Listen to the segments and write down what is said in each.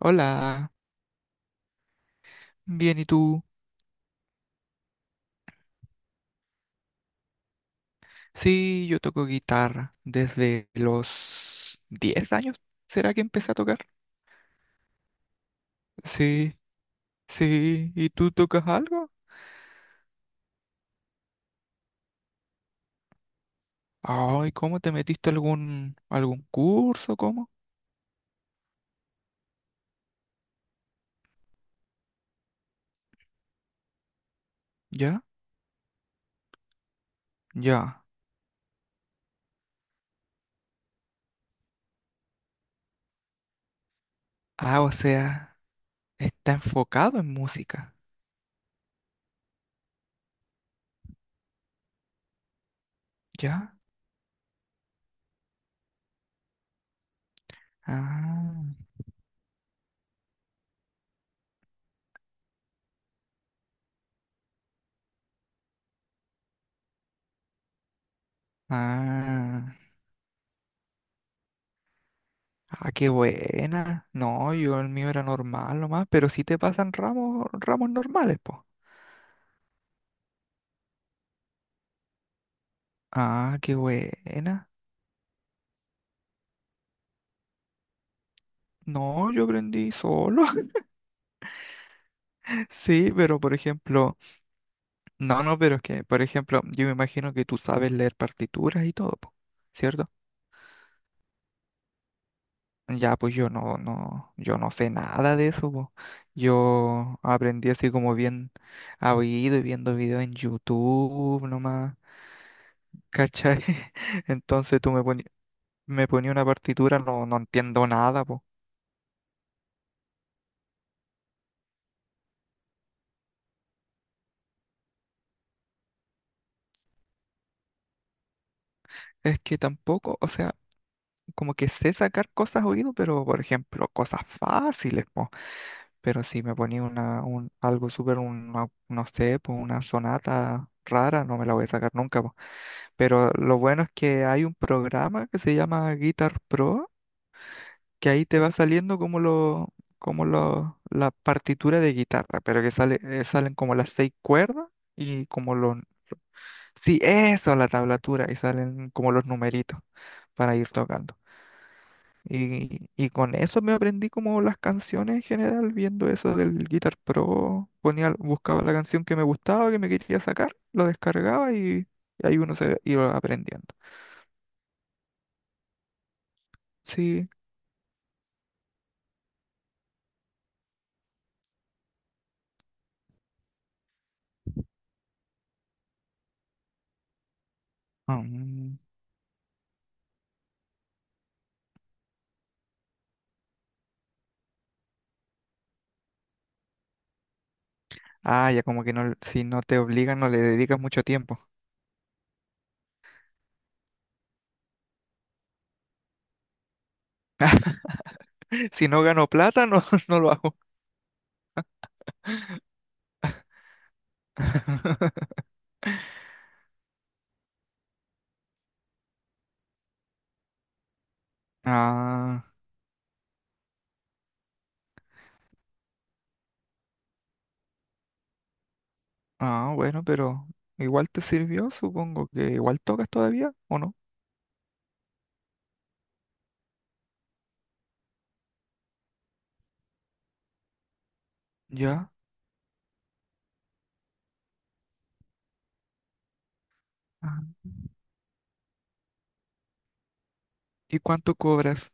Hola, bien, ¿y tú? Sí, yo toco guitarra desde los 10 años. ¿Será que empecé a tocar? Sí, sí, ¿y tú tocas algo? Ay, ¿cómo te metiste algún curso? ¿Cómo? ¿Ya? Ya. Ah, o sea, está enfocado en música. ¿Ya? Ah, ah, ah, qué buena. No, yo el mío era normal nomás, pero sí te pasan ramos normales, po. Ah, qué buena. No, yo aprendí solo. Sí, pero por ejemplo, no, no, pero es que, por ejemplo, yo me imagino que tú sabes leer partituras y todo, po, ¿cierto? Ya, pues yo no, no, yo no sé nada de eso, po. Yo aprendí así como bien a oído y viendo videos en YouTube nomás, ¿cachai? Entonces tú me ponías me ponía una partitura, no, no entiendo nada, po. Es que tampoco, o sea, como que sé sacar cosas a oído, pero por ejemplo, cosas fáciles, po. Pero si me ponía algo súper, no sé, pues una sonata rara, no me la voy a sacar nunca, po. Pero lo bueno es que hay un programa que se llama Guitar Pro, que ahí te va saliendo la partitura de guitarra, pero que salen como las seis cuerdas y como los... Sí, eso, la tablatura, y salen como los numeritos para ir tocando. Y con eso me aprendí como las canciones en general, viendo eso del Guitar Pro, ponía, buscaba la canción que me gustaba, que me quería sacar, lo descargaba y ahí uno se iba aprendiendo. Sí. Mm. Ah, ya como que no, si no te obligan, no le dedicas mucho tiempo. Si no gano plata, no, no lo hago. Ah, ah, bueno, pero igual te sirvió, supongo que igual tocas todavía, ¿o no? Ya. Ah, ¿y cuánto cobras?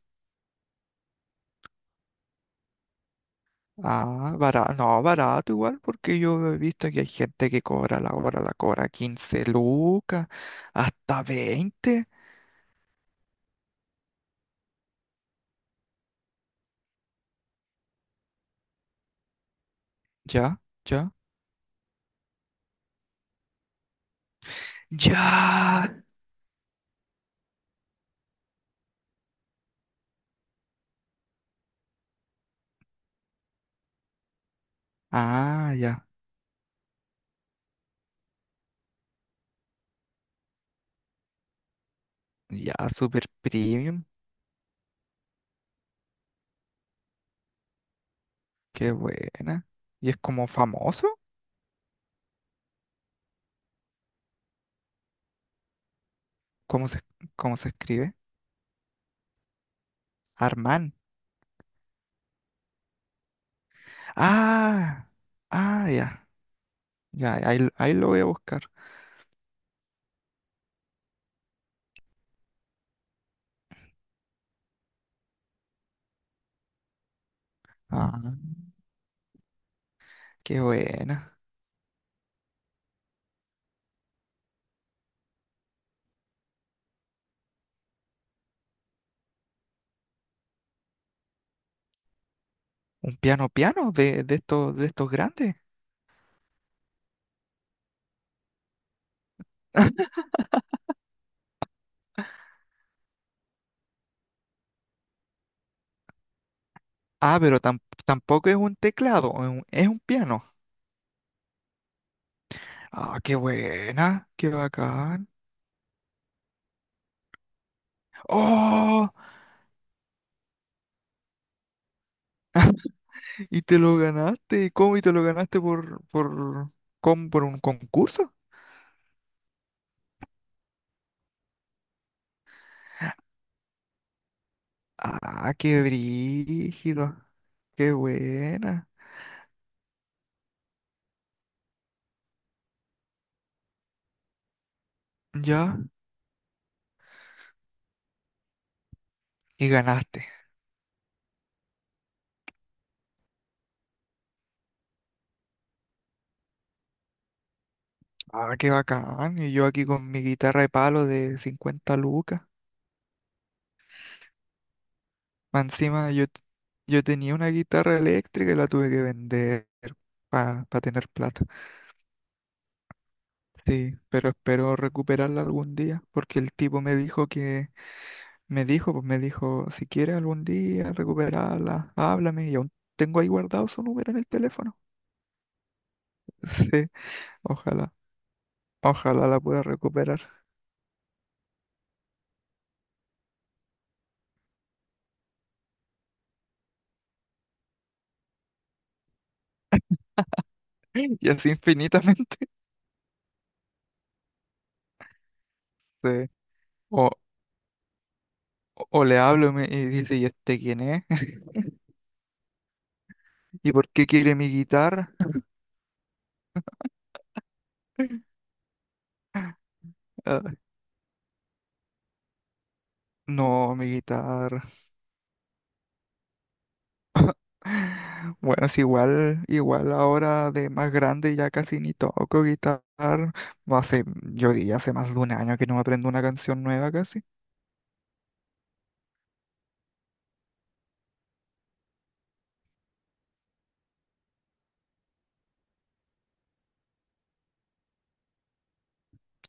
Ah, barato, no, barato igual, porque yo he visto que hay gente que cobra la hora, la cobra 15 lucas, hasta 20. Ya, ya, ya. Ah, ya, ya, super premium, qué buena. ¿Y es como famoso? ¿Cómo se, cómo se escribe? Armán. Ah, ah, ya, ya, ahí, ahí lo voy a buscar. Ah, qué buena. ¿Un piano piano de, de estos grandes? Ah, pero tampoco es un teclado, es un piano. Ah, qué buena, qué bacán. ¡Oh! Y te lo ganaste. ¿Cómo? ¿Y te lo ganaste por un concurso? Ah, qué brígido, qué buena. Ya, y ganaste. Ah, qué bacán. Y yo aquí con mi guitarra de palo de 50 lucas. Más encima yo tenía una guitarra eléctrica y la tuve que vender para tener plata. Sí, pero espero recuperarla algún día, porque el tipo me dijo que, me dijo, pues me dijo, si quieres algún día recuperarla, háblame, y aún tengo ahí guardado su número en el teléfono. Sí, ojalá, ojalá la pueda recuperar. Y así infinitamente. Sí. O, o le hablo y, y dice, ¿y este quién es? ¿Y por qué quiere mi guitarra? Ah, no, mi guitarra. Bueno, es igual, igual ahora de más grande ya casi ni toco guitarra. No Hace, yo diría hace más de un año que no me aprendo una canción nueva casi.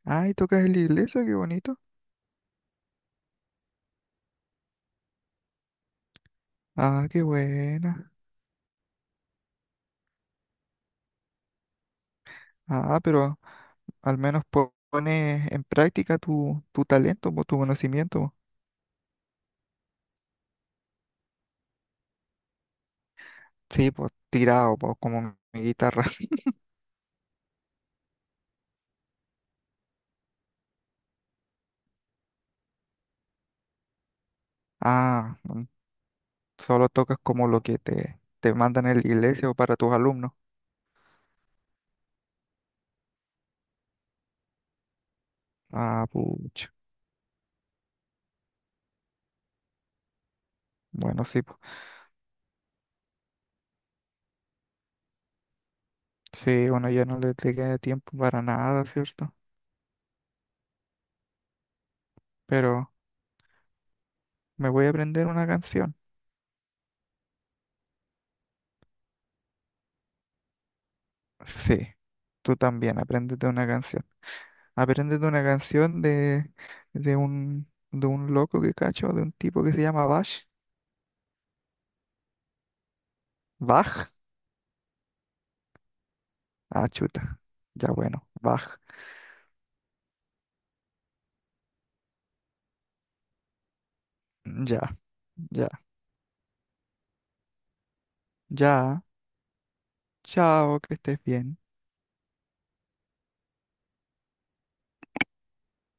Ay, tocas en la iglesia, qué bonito. Ah, qué buena. Ah, pero al menos pones en práctica tu talento, po, tu conocimiento, po. Sí, pues tirado, pues como mi guitarra. Ah, solo tocas como lo que te mandan en la iglesia o para tus alumnos. Ah, pucha. Bueno, sí. Sí, bueno, ya no le queda tiempo para nada, ¿cierto? Pero me voy a aprender una canción. Sí, tú también, apréndete una canción. Apréndete una canción de un loco que cacho, de un tipo que se llama Bach. Bach. Ah, chuta. Ya bueno, Bach. Ya, ya, ya. Chao, que estés bien.